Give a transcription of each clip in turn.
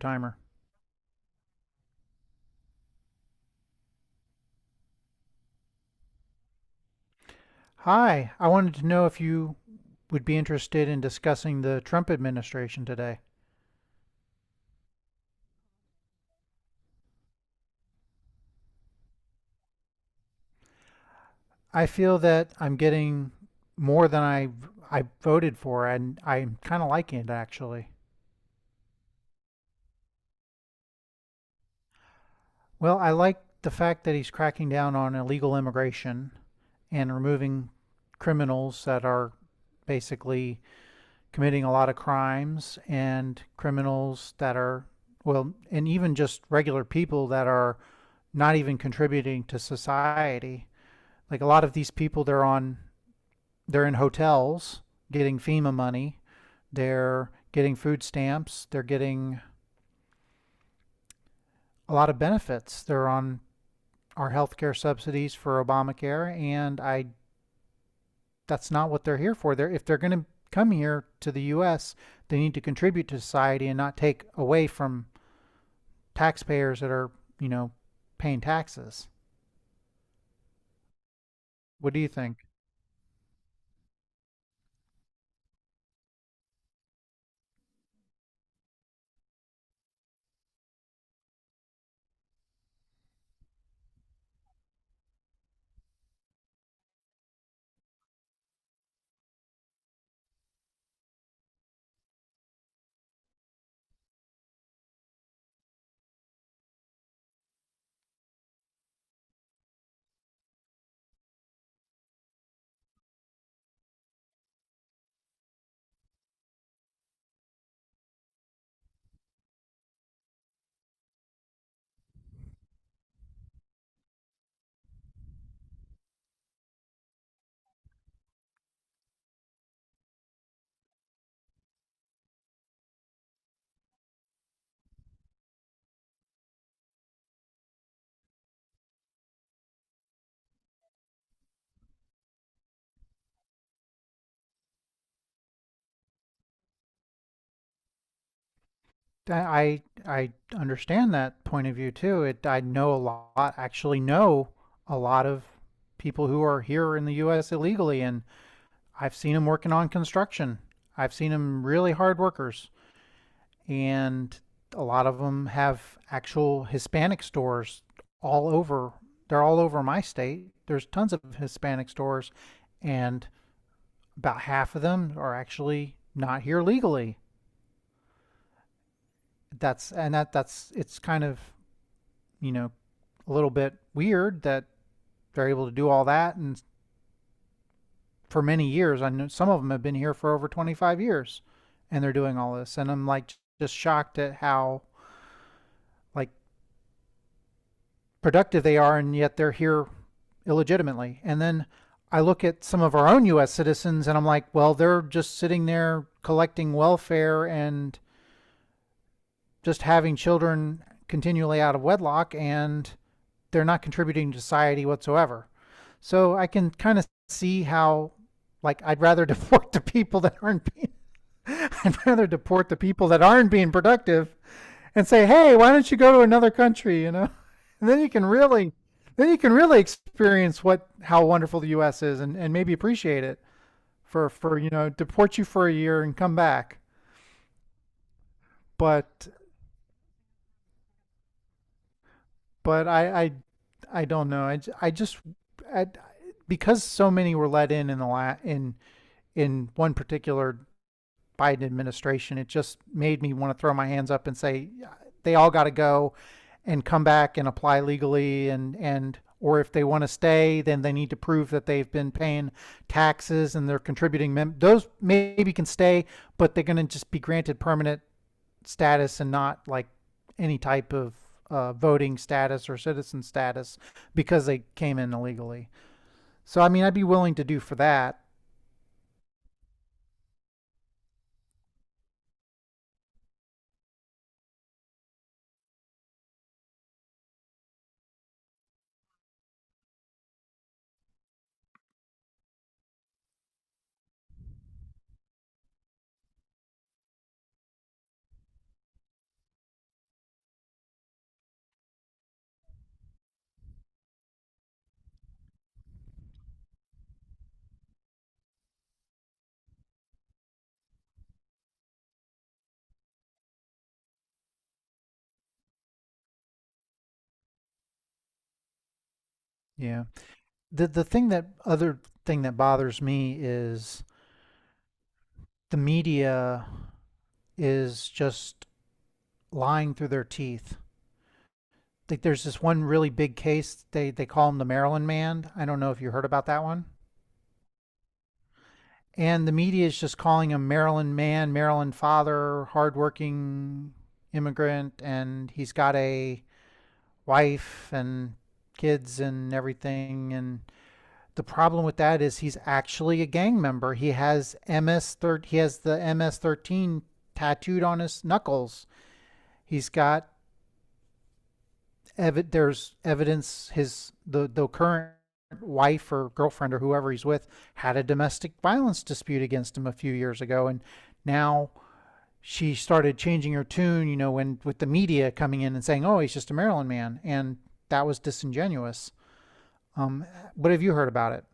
Timer. Hi, I wanted to know if you would be interested in discussing the Trump administration today. I feel that I'm getting more than I voted for, and I'm kind of liking it actually. Well, I like the fact that he's cracking down on illegal immigration and removing criminals that are basically committing a lot of crimes and criminals that are, well, and even just regular people that are not even contributing to society. Like a lot of these people, they're on, they're in hotels getting FEMA money, they're getting food stamps, they're getting a lot of benefits. They're on our healthcare subsidies for Obamacare, and I that's not what they're here for. They're if they're going to come here to the U.S., they need to contribute to society and not take away from taxpayers that are, you know, paying taxes. What do you think? I understand that point of view too. It I know a lot, actually know a lot of people who are here in the U.S. illegally, and I've seen them working on construction. I've seen them really hard workers, and a lot of them have actual Hispanic stores all over. They're all over my state. There's tons of Hispanic stores, and about half of them are actually not here legally. That's and that's it's kind of you know a little bit weird that they're able to do all that and for many years. I know some of them have been here for over 25 years and they're doing all this and I'm like just shocked at how like productive they are and yet they're here illegitimately. And then I look at some of our own US citizens and I'm like, well, they're just sitting there collecting welfare and just having children continually out of wedlock and they're not contributing to society whatsoever. So I can kind of see how like I'd rather deport the people that aren't being I'd rather deport the people that aren't being productive and say, "Hey, why don't you go to another country, And then you can really then you can really experience what how wonderful the US is and maybe appreciate it for deport you for a year and come back. But but I don't know. I just I, because so many were let in in one particular Biden administration, it just made me want to throw my hands up and say, "Yeah, they all got to go and come back and apply legally and or if they want to stay, then they need to prove that they've been paying taxes and they're contributing. Those maybe can stay, but they're going to just be granted permanent status and not like any type of voting status or citizen status because they came in illegally. So I mean, I'd be willing to do for that." Yeah. The thing that other thing that bothers me is the media is just lying through their teeth. Like there's this one really big case. They call him the Maryland Man. I don't know if you heard about that one. And the media is just calling him Maryland man, Maryland father, hardworking immigrant, and he's got a wife and kids and everything. And the problem with that is he's actually a gang member. He has he has the MS 13 tattooed on his knuckles. He's got there's evidence his the current wife or girlfriend or whoever he's with had a domestic violence dispute against him a few years ago and now she started changing her tune, you know, when with the media coming in and saying, "Oh, he's just a Maryland man," and that was disingenuous. Um, what have you heard about it?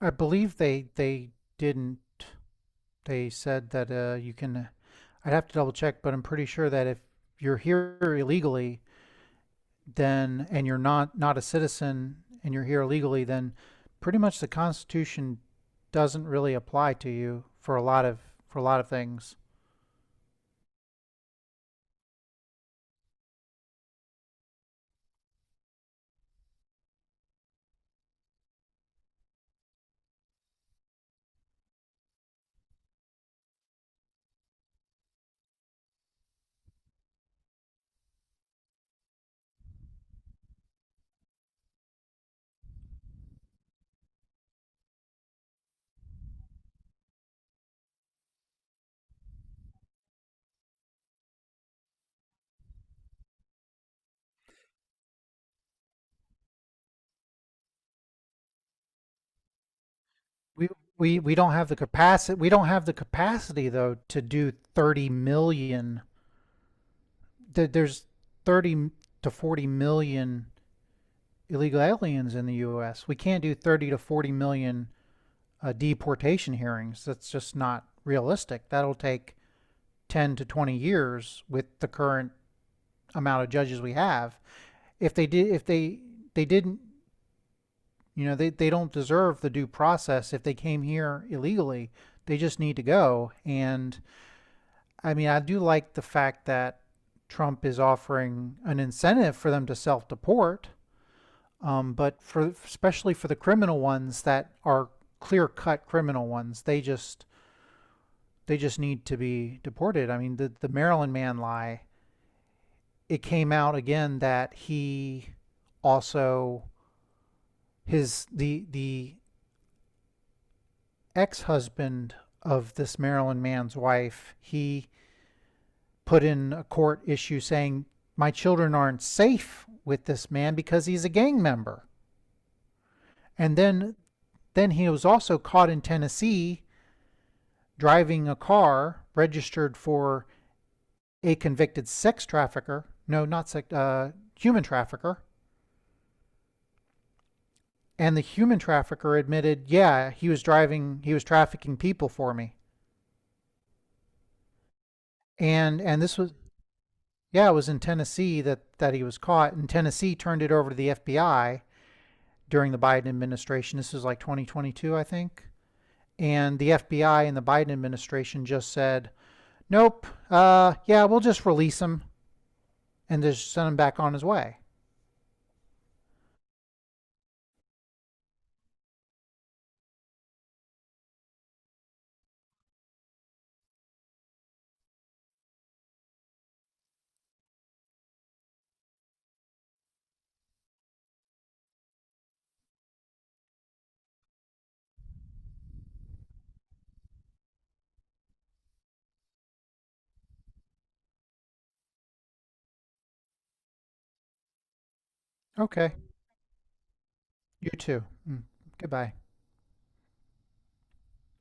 I believe they didn't. They said that you can. I'd have to double check, but I'm pretty sure that if you're here illegally, then and you're not not a citizen and you're here illegally, then pretty much the Constitution doesn't really apply to you for a lot of for a lot of things. We we don't have the capacity. We don't have the capacity though to do 30 million. There's 30 to 40 million illegal aliens in the U.S. We can't do 30 to 40 million deportation hearings. That's just not realistic. That'll take 10 to 20 years with the current amount of judges we have. If they did, if they didn't, you know, they don't deserve the due process if they came here illegally. They just need to go and I mean, I do like the fact that Trump is offering an incentive for them to self deport, but for especially for the criminal ones that are clear cut criminal ones, they just need to be deported. I mean, the Maryland man lie. It came out again that he also his the ex husband of this Maryland man's wife. He put in a court issue saying, my children aren't safe with this man because he's a gang member. And then he was also caught in Tennessee driving a car registered for a convicted sex trafficker. No, not sex, human trafficker. And the human trafficker admitted, yeah, he was driving, he was trafficking people for me. And this was, yeah, it was in Tennessee that that he was caught. And Tennessee turned it over to the FBI during the Biden administration. This is like 2022, I think. And the FBI and the Biden administration just said, nope, yeah, we'll just release him and just send him back on his way. Okay, you too. Mm, goodbye.